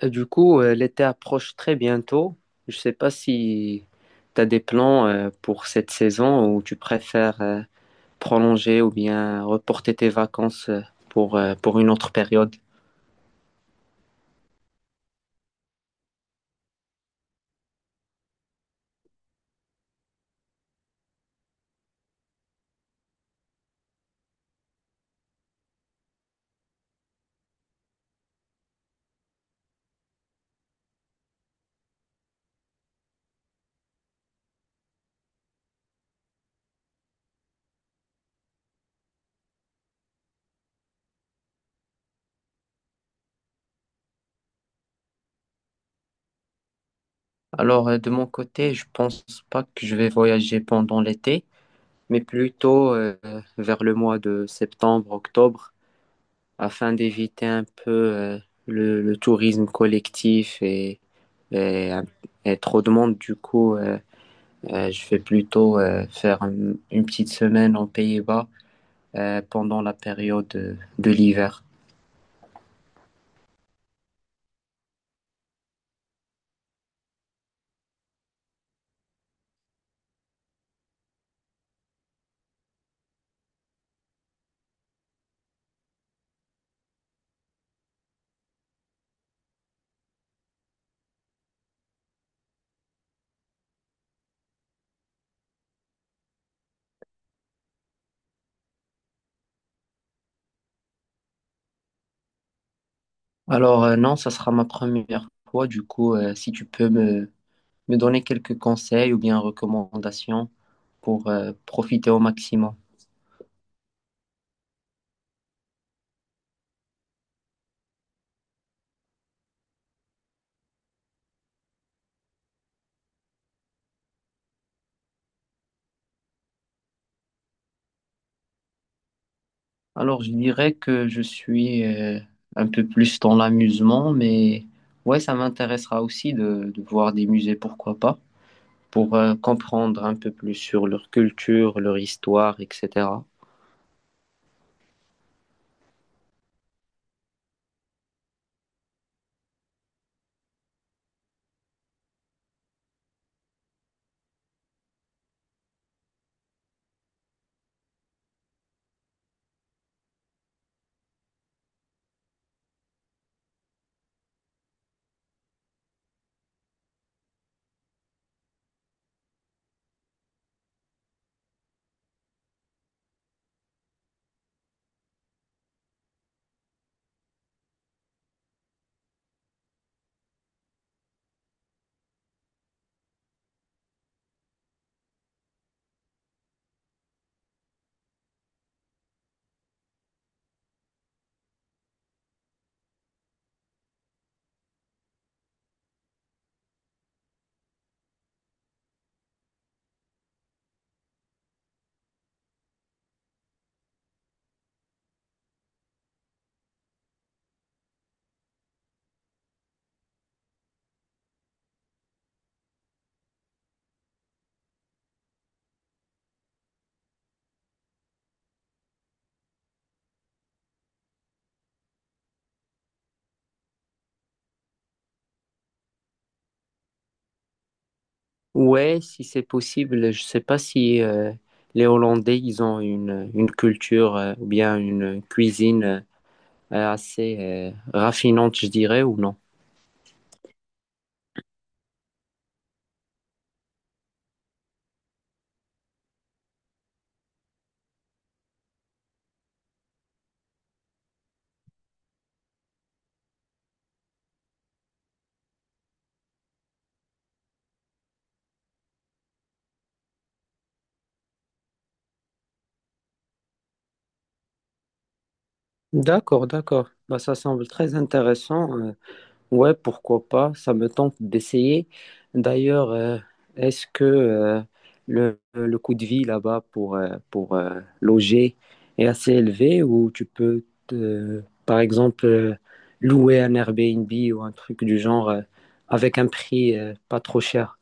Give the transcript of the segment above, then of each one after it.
Et du coup, l'été approche très bientôt. Je ne sais pas si tu as des plans pour cette saison ou tu préfères prolonger ou bien reporter tes vacances pour une autre période. Alors, de mon côté, je pense pas que je vais voyager pendant l'été, mais plutôt vers le mois de septembre, octobre, afin d'éviter un peu le tourisme collectif et, et trop de monde. Du coup, je vais plutôt faire une petite semaine aux Pays-Bas pendant la période de l'hiver. Alors non, ça sera ma première fois. Du coup, si tu peux me donner quelques conseils ou bien recommandations pour profiter au maximum. Alors je dirais que je suis un peu plus dans l'amusement, mais ouais, ça m'intéressera aussi de voir des musées, pourquoi pas, pour comprendre un peu plus sur leur culture, leur histoire, etc. Ouais, si c'est possible, je sais pas si les Hollandais, ils ont une culture ou bien une cuisine assez raffinante, je dirais, ou non. D'accord, d'accord. Bah, ça semble très intéressant. Ouais, pourquoi pas, ça me tente d'essayer. D'ailleurs, est-ce que le coût de vie là-bas pour loger est assez élevé ou tu peux, par exemple, louer un Airbnb ou un truc du genre avec un prix pas trop cher?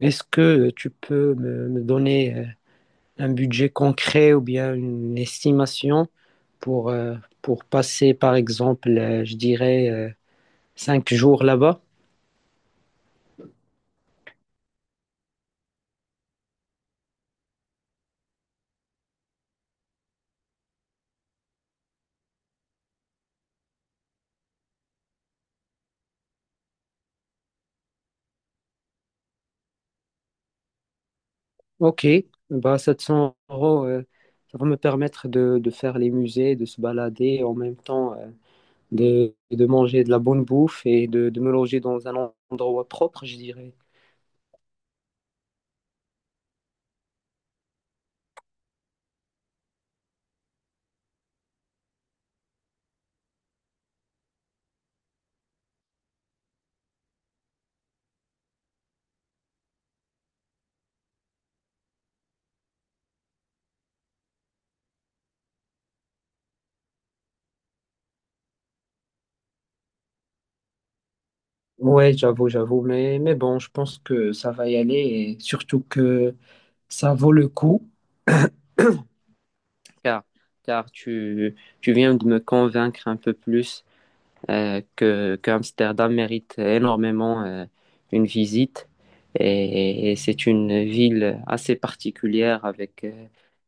Est-ce que tu peux me donner un budget concret ou bien une estimation pour, euh, pour passer, par exemple, je dirais, cinq jours là-bas? Ok, bah 700 euros, ça va me permettre de faire les musées, de se balader, en même temps de manger de la bonne bouffe et de me loger dans un endroit propre, je dirais. Ouais, j'avoue, j'avoue, mais bon, je pense que ça va y aller et surtout que ça vaut le coup. Car, car tu, tu viens de me convaincre un peu plus que Amsterdam mérite énormément une visite. Et c'est une ville assez particulière avec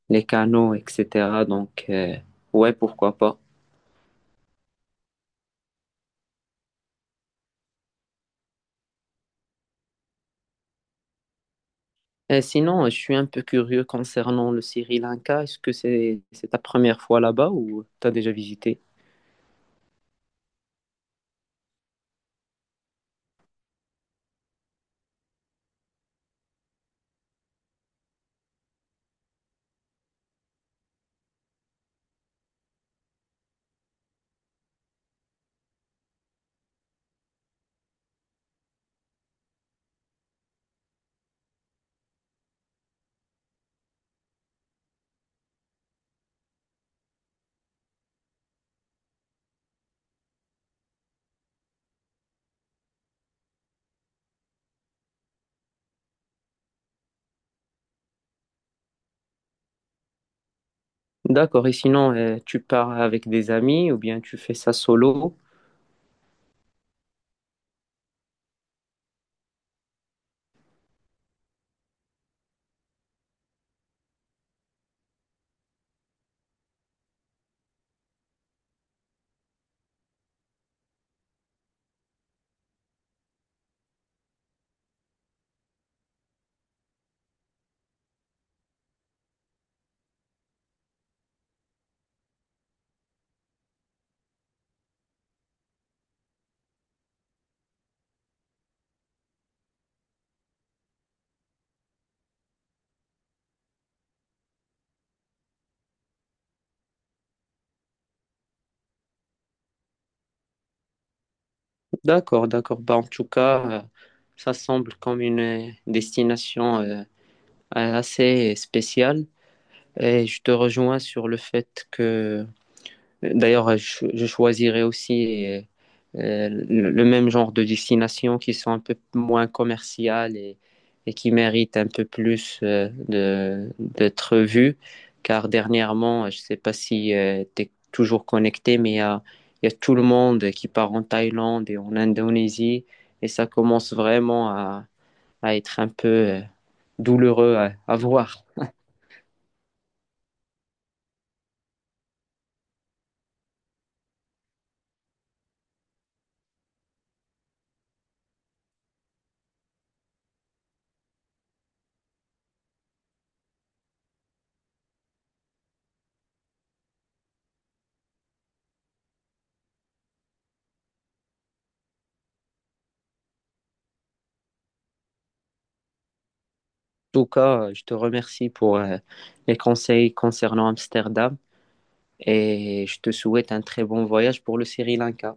les canaux, etc. Donc, ouais, pourquoi pas. Et sinon, je suis un peu curieux concernant le Sri Lanka. Est-ce que c'est ta première fois là-bas ou t'as déjà visité? D'accord. Et sinon, tu pars avec des amis ou bien tu fais ça solo? D'accord, d'accord. Bah, en tout cas, ça semble comme une destination assez spécial. Et je te rejoins sur le fait que, d'ailleurs, je choisirais aussi le même genre de destinations qui sont un peu moins commerciales et qui méritent un peu plus d'être vues. Car dernièrement, je ne sais pas si tu es toujours connecté, mais il y a tout le monde qui part en Thaïlande et en Indonésie. Et ça commence vraiment à être un peu douloureux à voir. Tout cas, je te remercie pour les conseils concernant Amsterdam et je te souhaite un très bon voyage pour le Sri Lanka.